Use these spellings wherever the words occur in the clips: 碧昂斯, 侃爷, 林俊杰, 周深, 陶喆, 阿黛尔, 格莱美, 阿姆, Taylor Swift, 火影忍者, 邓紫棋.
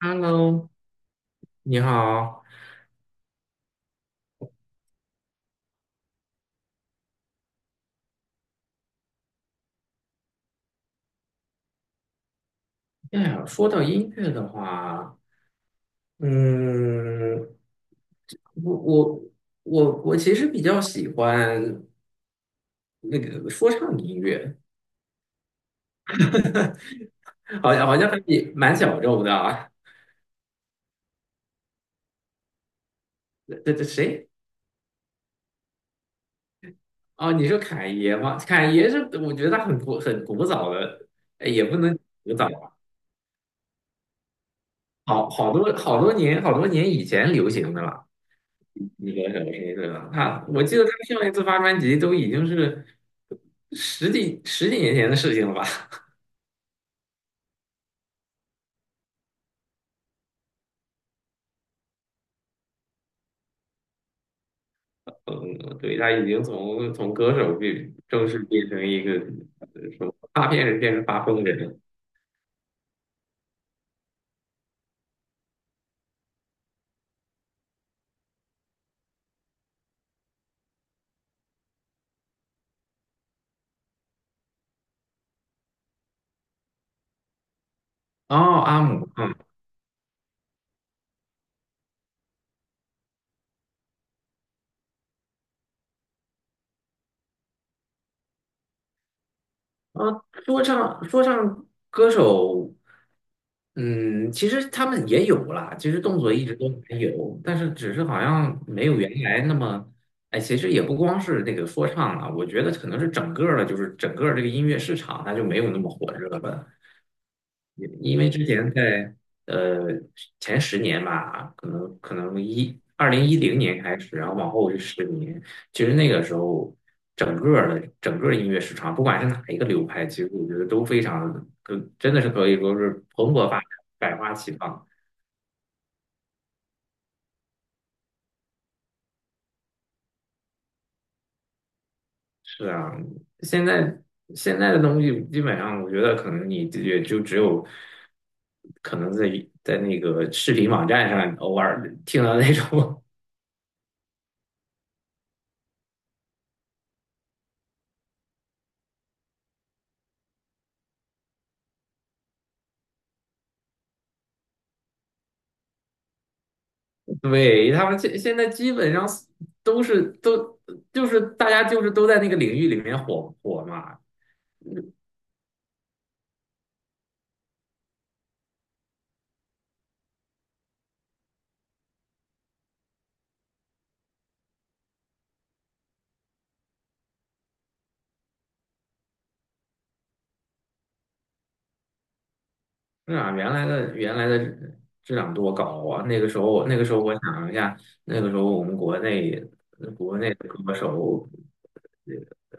Hello，你好。哎呀，说到音乐的话，嗯，我我我其实比较喜欢那个说唱音乐，好像还比蛮小众的啊。这谁？哦，你说侃爷吗？侃爷是我觉得他很古早的，哎也不能古早，好好多好多年好多年以前流行的了。你说什么意思啊？他，我记得他上一次发专辑都已经是十几年前的事情了吧？嗯，对，他已经从歌手变正式变成一个呃什么发片人，变成发疯人了。哦，阿姆，嗯，啊，说唱歌手，嗯，其实他们也有啦，其实动作一直都还有，但是只是好像没有原来那么，哎，其实也不光是那个说唱了，我觉得可能是整个儿的，就是整个儿这个音乐市场它就没有那么火热了。因为之前在呃前十年吧，可能2010年开始，然后往后是十年，其实那个时候整个儿音乐市场，不管是哪一个流派，其实我觉得都非常真的是可以说是蓬勃发展，百花齐放。是啊，现在现在的东西基本上，我觉得可能你也就只有可能在那个视频网站上偶尔听到那种 对，他们现在基本上都是都就是大家就是都在那个领域里面火嘛，那啊，原来的质量多高啊！那个时候我想一下，那个时候我们国内的歌手，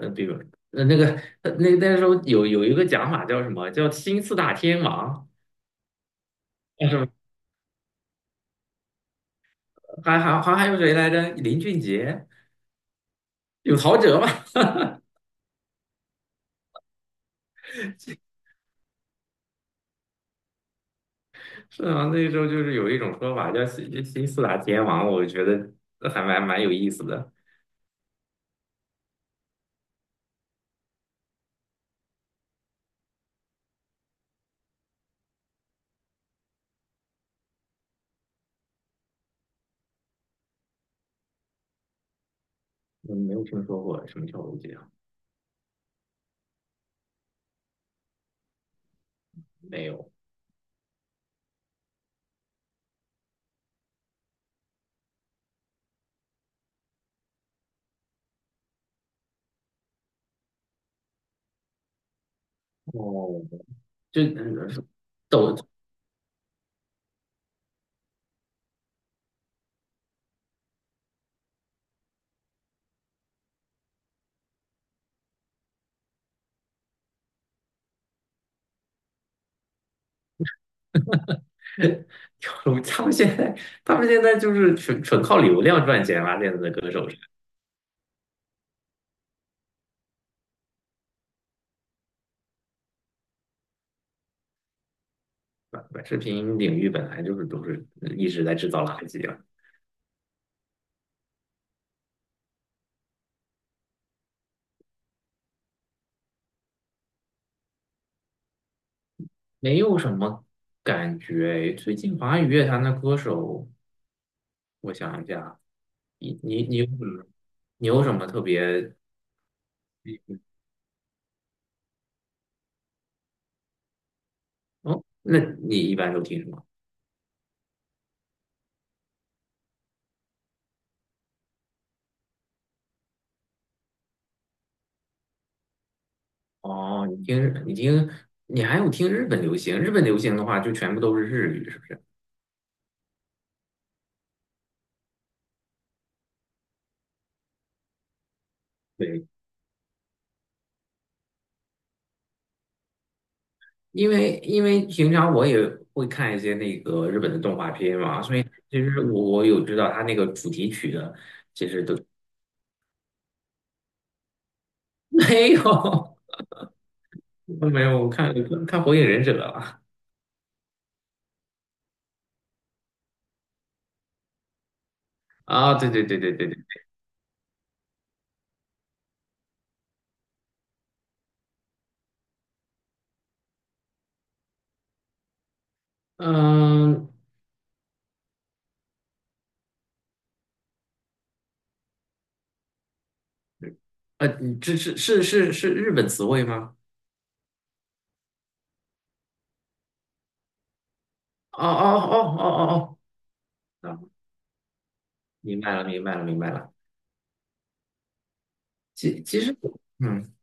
比如呃那个那时候有一个讲法叫什么叫新四大天王，叫什么还有谁来着？林俊杰，有陶喆吧？是啊，那时候就是有一种说法叫新四大天王，我觉得还蛮有意思的。我没有听说过什么跳楼机啊？没有。哦，就抖 跳楼，他们现在就是纯纯靠流量赚钱啦，现在的歌手是吧？短视频领域本来就是都是一直在制造垃圾啊，没有什么感觉。最近华语乐坛的歌手，我想一下，你有什么特别？哦，那你一般都听什么？哦，你还有听日本流行。日本流行的话，就全部都是日语，是不是？对，因为平常我也会看一些那个日本的动画片嘛，所以其实我有知道他那个主题曲的。没有，没有，我看《火影忍者》了。啊，对对对对对对，嗯，呃，这是日本词汇吗？哦哦哦哦哦哦，啊，明白了明白了明白了。其实。嗯。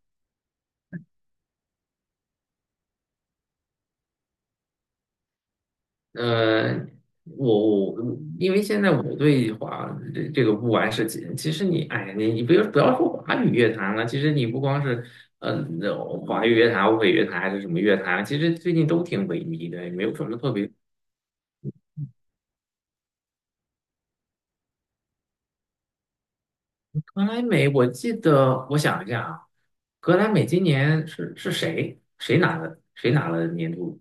呃，我我因为现在我对华这个不完是其实哎呀，你不要说华语乐坛了，其实你不光是嗯、呃华语乐坛、欧美乐坛还是什么乐坛，其实最近都挺萎靡的，也没有什么特别。格莱美，我记得我想一下啊，格莱美今年是谁拿的？谁拿了年度？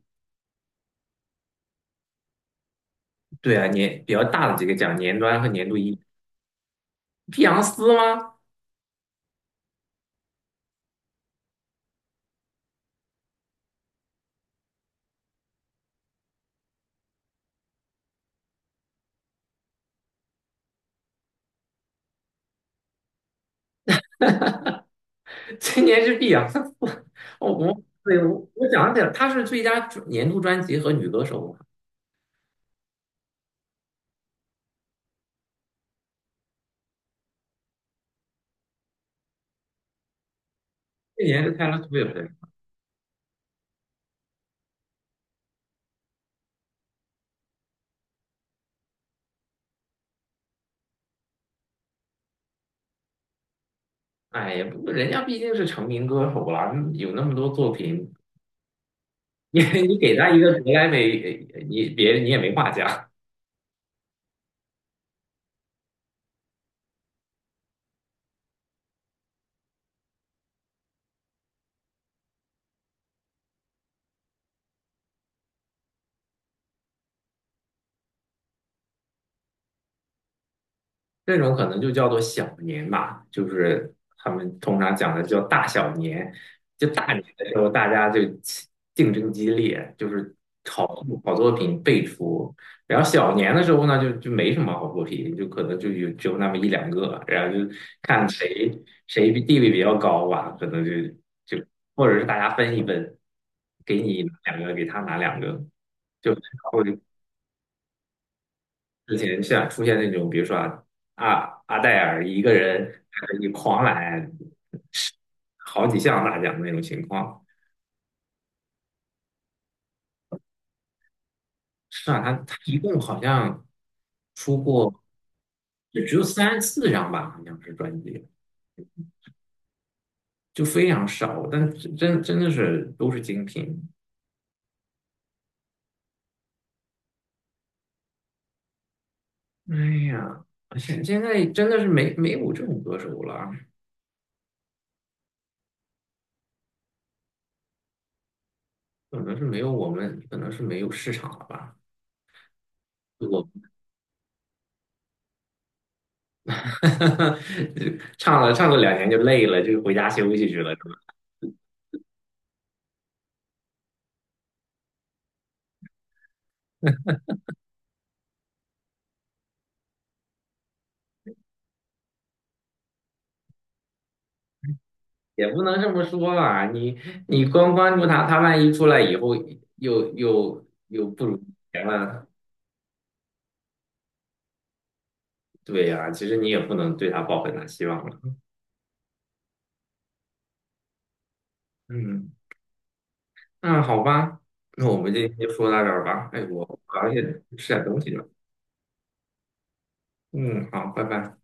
对啊，年比较大的几个奖，年端和年度一，碧昂斯吗？今年是碧昂斯 我哦我对我我讲起来，她是最佳年度专辑和女歌手嘛，去年是 Taylor Swift。哎呀，不过人家毕竟是成名歌手了，有那么多作品，你给她一个格莱美，你也没话讲。那种可能就叫做小年吧，就是他们通常讲的叫大小年。就大年的时候，大家就起竞争激烈，就是好作品辈出。然后小年的时候呢，就没什么好作品，就可能只有那么一两个，然后就看谁地位比较高吧，可能就或者是大家分一分，给你拿两个，给他拿两个，就之前像出现那种，比如说啊，阿黛尔一个人你狂揽好几项大奖的那种情况。是啊，他一共好像出过就只有三四张吧，好像是专辑，就非常少，但是真的是都是精品。哎呀，现在真的是没有这种歌手了，可能是没有市场了吧。我。哈哈，唱了2年就累了，就回家休息去了，是吧？也不能这么说吧，你光关注他，他万一出来以后又不如以前了，对呀、其实你也不能对他抱很大希望了。嗯，那好吧，那我们今天就说到这儿吧。哎，我好像也吃点东西了。嗯，好，拜拜。